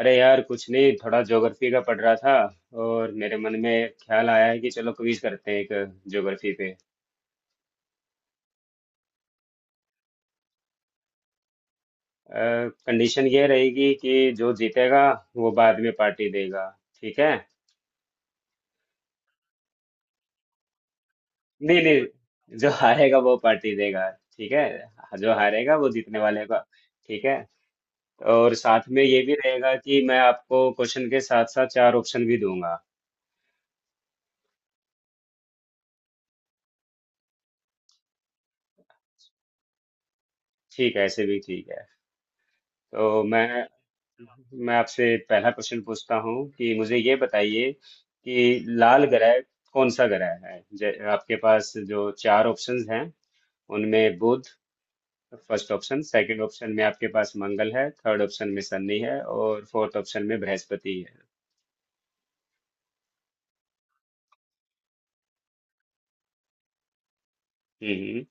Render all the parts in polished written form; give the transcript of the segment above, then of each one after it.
अरे यार, कुछ नहीं, थोड़ा ज्योग्राफी का पढ़ रहा था। और मेरे मन में ख्याल आया है कि चलो क्विज करते हैं एक ज्योग्राफी पे। कंडीशन ये रहेगी कि जो जीतेगा वो बाद में पार्टी देगा। ठीक है? नहीं नहीं, जो हारेगा वो पार्टी देगा। ठीक है। जो हारेगा वो जीतने वाले का। ठीक है। और साथ में ये भी रहेगा कि मैं आपको क्वेश्चन के साथ साथ चार ऑप्शन भी दूंगा। ठीक है, ऐसे भी ठीक है। तो मैं आपसे पहला प्रश्न पूछता हूँ कि मुझे ये बताइए कि लाल ग्रह कौन सा ग्रह है। आपके पास जो चार ऑप्शंस हैं, उनमें Budh first option, second option में आपके पास मंगल है, थर्ड ऑप्शन में शनि है, और फोर्थ ऑप्शन में बृहस्पति है। हम्म हम्म।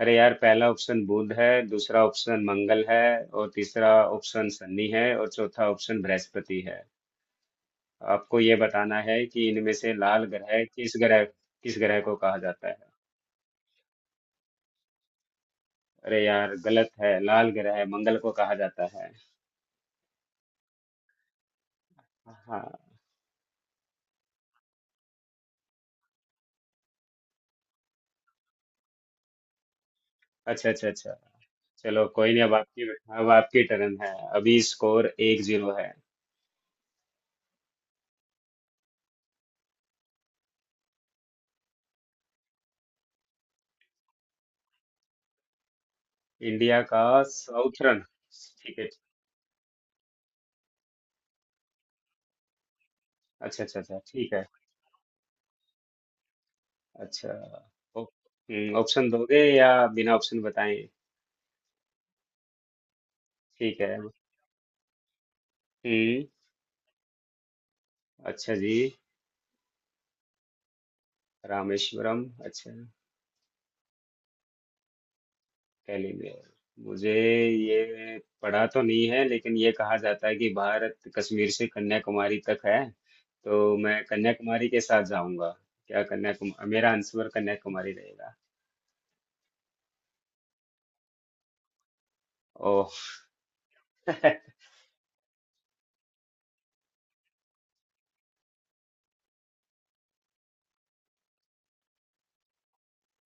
अरे यार, पहला ऑप्शन बुध है, दूसरा ऑप्शन मंगल है, और तीसरा ऑप्शन शनि है, और चौथा ऑप्शन बृहस्पति है। आपको ये बताना है कि इनमें से लाल ग्रह किस ग्रह किस ग्रह को कहा जाता है। अरे यार गलत है, लाल ग्रह है मंगल को कहा जाता है। हाँ। अच्छा अच्छा अच्छा। चलो कोई नहीं। अब आपकी टर्न है। अभी स्कोर 1-0 है। इंडिया का साउथ रन। ठीक है। अच्छा अच्छा अच्छा, ठीक है। अच्छा। ओ- ऑप्शन दोगे या बिना ऑप्शन बताएं? ठीक है। हम्म। अच्छा जी। रामेश्वरम। अच्छा। टेलीग्राम मुझे ये पढ़ा तो नहीं है लेकिन ये कहा जाता है कि भारत कश्मीर से कन्याकुमारी तक है, तो मैं कन्याकुमारी के साथ जाऊंगा। क्या कन्याकुमारी? मेरा आंसर कन्याकुमारी रहेगा। ओ।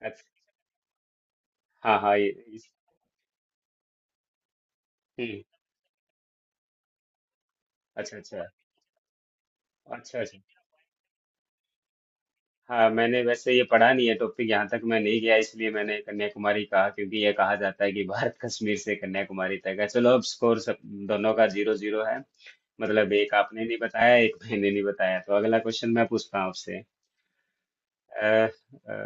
अच्छा। हाँ हाँ ये, इस, हम्म, अच्छा अच्छा अच्छा अच्छा। हाँ, मैंने वैसे ये पढ़ा नहीं है, टॉपिक यहाँ तक मैं नहीं गया, इसलिए मैंने कन्याकुमारी कहा क्योंकि ये कहा जाता है कि भारत कश्मीर से कन्याकुमारी तक है। चलो अब स्कोर सब दोनों का 0-0 है। मतलब एक आपने नहीं बताया, एक मैंने नहीं बताया, तो अगला क्वेश्चन मैं पूछता हूँ आपसे। अ, अ,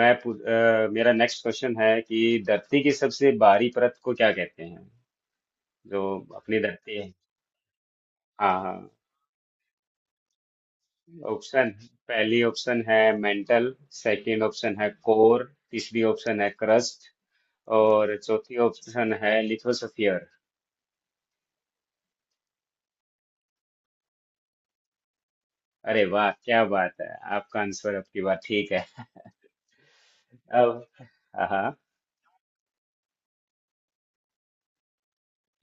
मेरा नेक्स्ट क्वेश्चन है कि धरती की सबसे बाहरी परत को क्या कहते हैं? जो अपनी धरती है। हाँ हाँ। ऑप्शन। पहली ऑप्शन है मेंटल, सेकंड ऑप्शन है कोर, तीसरी ऑप्शन है क्रस्ट, और चौथी ऑप्शन है लिथोसफियर। अरे वाह क्या बात है! आपका आंसर, आपकी बात ठीक है। अब हाँ हाँ।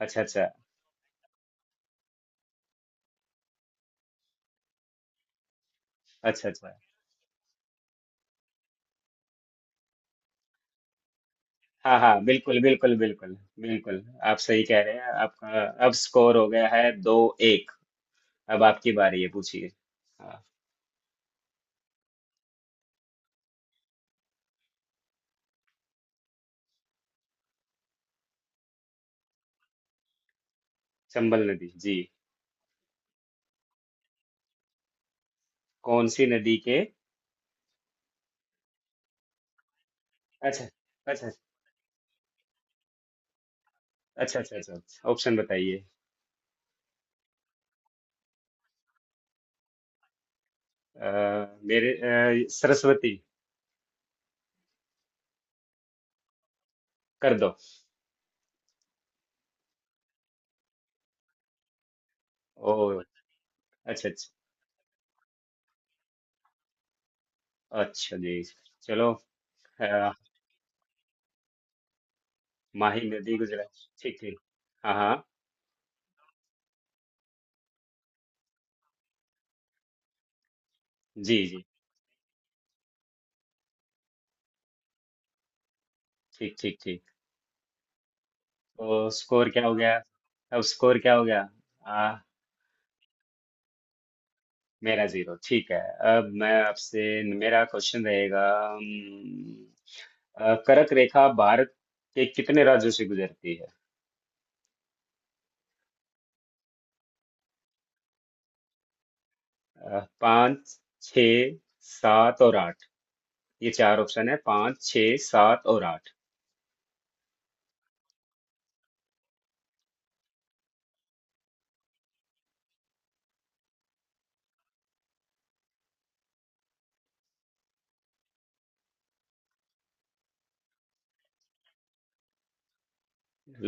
अच्छा अच्छा अच्छा अच्छा। हाँ हाँ बिल्कुल बिल्कुल बिल्कुल बिल्कुल। आप सही कह रहे हैं। आपका अब स्कोर हो गया है 2-1। अब आपकी बारी है, पूछिए। हाँ। चंबल नदी जी। कौन सी नदी के? अच्छा अच्छा अच्छा अच्छा अच्छा। ऑप्शन बताइए। अ, मेरे सरस्वती। कर दो। ओ। अच्छा अच्छा अच्छा। जी। चलो। अ, माही नदी गुजरात। ठीक ठीक। हाँ हाँ। जी जी। ठीक ठीक ठीक। तो स्कोर क्या हो गया? अब स्कोर क्या हो गया? मेरा जीरो। ठीक है। अब मैं आपसे मेरा क्वेश्चन रहेगा। कर्क रेखा भारत के कितने राज्यों से गुजरती है? पाँच, छ, सात और आठ। ये चार ऑप्शन है: पाँच, छ, सात और आठ।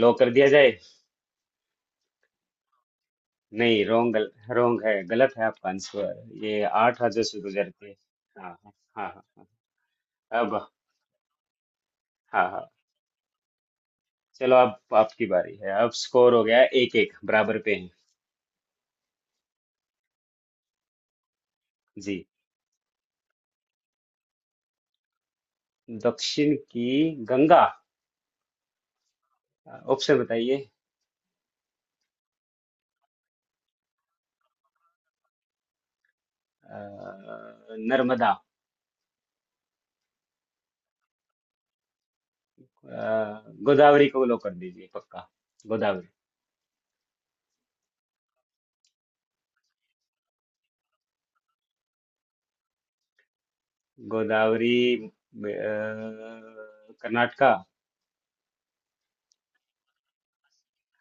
लो कर दिया जाए। नहीं रोंग, रोंग है, गलत है आपका आंसर। ये आठ राज्यों से गुजरती है। हाँ हाँ हाँ हाँ हाँ। अब हाँ हाँ। चलो अब आपकी बारी है। अब स्कोर हो गया 1-1, बराबर पे हैं। जी। दक्षिण की गंगा। ऑप्शन बताइए। अ, नर्मदा। गोदावरी को लो कर दीजिए पक्का। गोदावरी। गोदावरी कर्नाटका।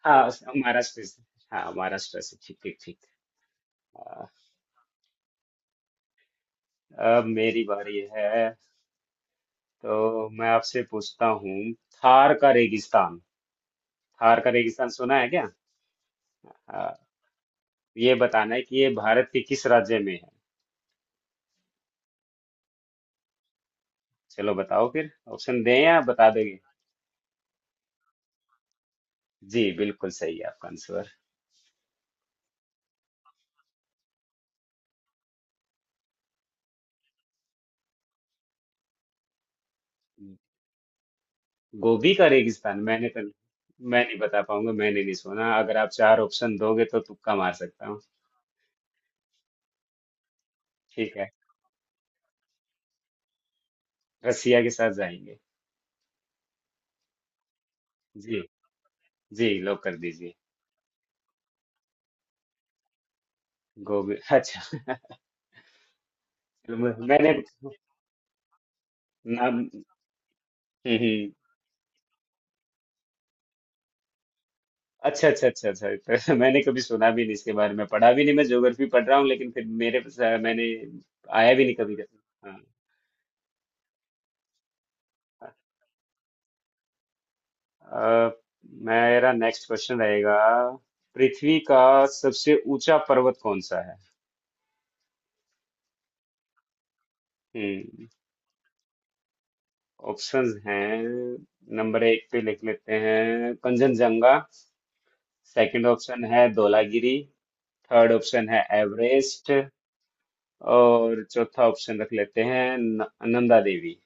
हाँ, महाराष्ट्र से। हाँ, महाराष्ट्र से ठीक ठीक ठीक। अ, अब मेरी बारी है। तो मैं आपसे पूछता हूँ थार का रेगिस्तान। थार का रेगिस्तान सुना है क्या? हाँ, ये बताना है कि ये भारत के किस राज्य में है। चलो बताओ फिर, ऑप्शन दें या बता दोगे? जी बिल्कुल सही है आपका आंसर। गोभी का रेगिस्तान मैंने तो, मैं नहीं बता पाऊंगा, मैंने नहीं सुना। अगर आप चार ऑप्शन दोगे तो तुक्का मार सकता हूँ। ठीक है, रसिया के साथ जाएंगे। जी। जी लॉक कर दीजिए। गोभी? अच्छा। चलो, मैंने नाम हम्म, अच्छा अच्छा अच्छा अच्छा। तो मैंने कभी सुना भी नहीं इसके बारे में, पढ़ा भी नहीं। मैं ज्योग्राफी पढ़ रहा हूँ लेकिन फिर मेरे पास, मैंने आया भी नहीं कभी। हाँ हाँ। अ, मेरा नेक्स्ट क्वेश्चन रहेगा, पृथ्वी का सबसे ऊंचा पर्वत कौन सा है? हम्म। ऑप्शंस हैं। नंबर एक पे लिख लेते हैं कंचनजंगा, सेकंड ऑप्शन है धौलागिरी, थर्ड ऑप्शन है एवरेस्ट, और चौथा ऑप्शन रख लेते हैं नंदा देवी।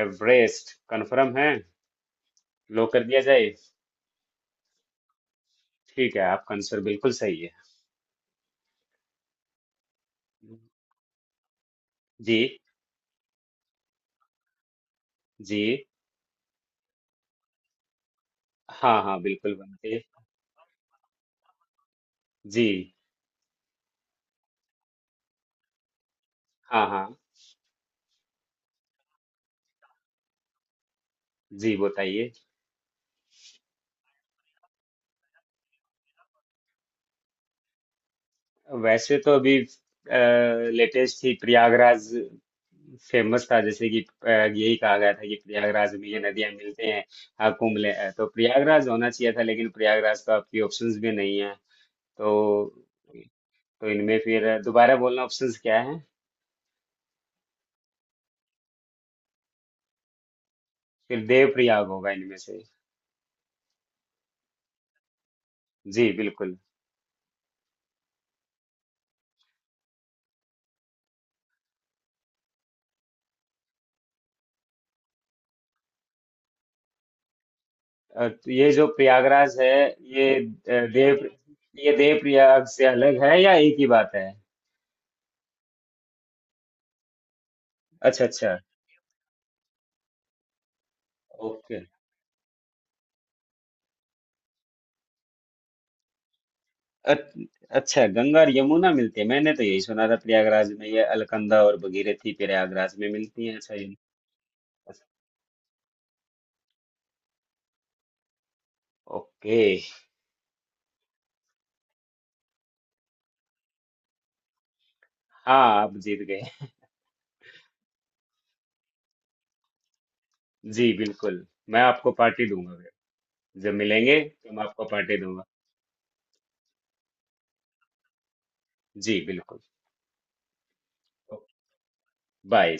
एवरेस्ट कंफर्म है? लो कर दिया जाए। ठीक है, आपका आंसर बिल्कुल सही है। जी। जी। हाँ हाँ बिल्कुल बनते। जी। हाँ हाँ। जी बताइए। वैसे तो अभी लेटेस्ट ही प्रयागराज फेमस था, जैसे कि यही कहा गया था कि प्रयागराज में ये नदियां मिलते हैं। हाँ कुंभ ले, तो प्रयागराज होना चाहिए था लेकिन प्रयागराज तो आपकी ऑप्शंस भी नहीं है। तो तो इनमें फिर दोबारा बोलना, ऑप्शंस क्या है? फिर देव प्रयाग होगा इनमें से। जी बिल्कुल। तो ये जो प्रयागराज है, ये अ, देव ये देव प्रयाग से अलग है या एक ही बात है? अच्छा अच्छा। ओके। अच- अच्छा गंगा और यमुना मिलती है, मैंने तो यही सुना था प्रयागराज में ये अलकनंदा और भगीरथी प्रयागराज में मिलती है। अच्छा, ये। ओके। हाँ, आप जीत गए। जी बिल्कुल, मैं आपको पार्टी दूंगा फिर। जब मिलेंगे तो मैं आपको पार्टी दूंगा। जी बिल्कुल। बाय।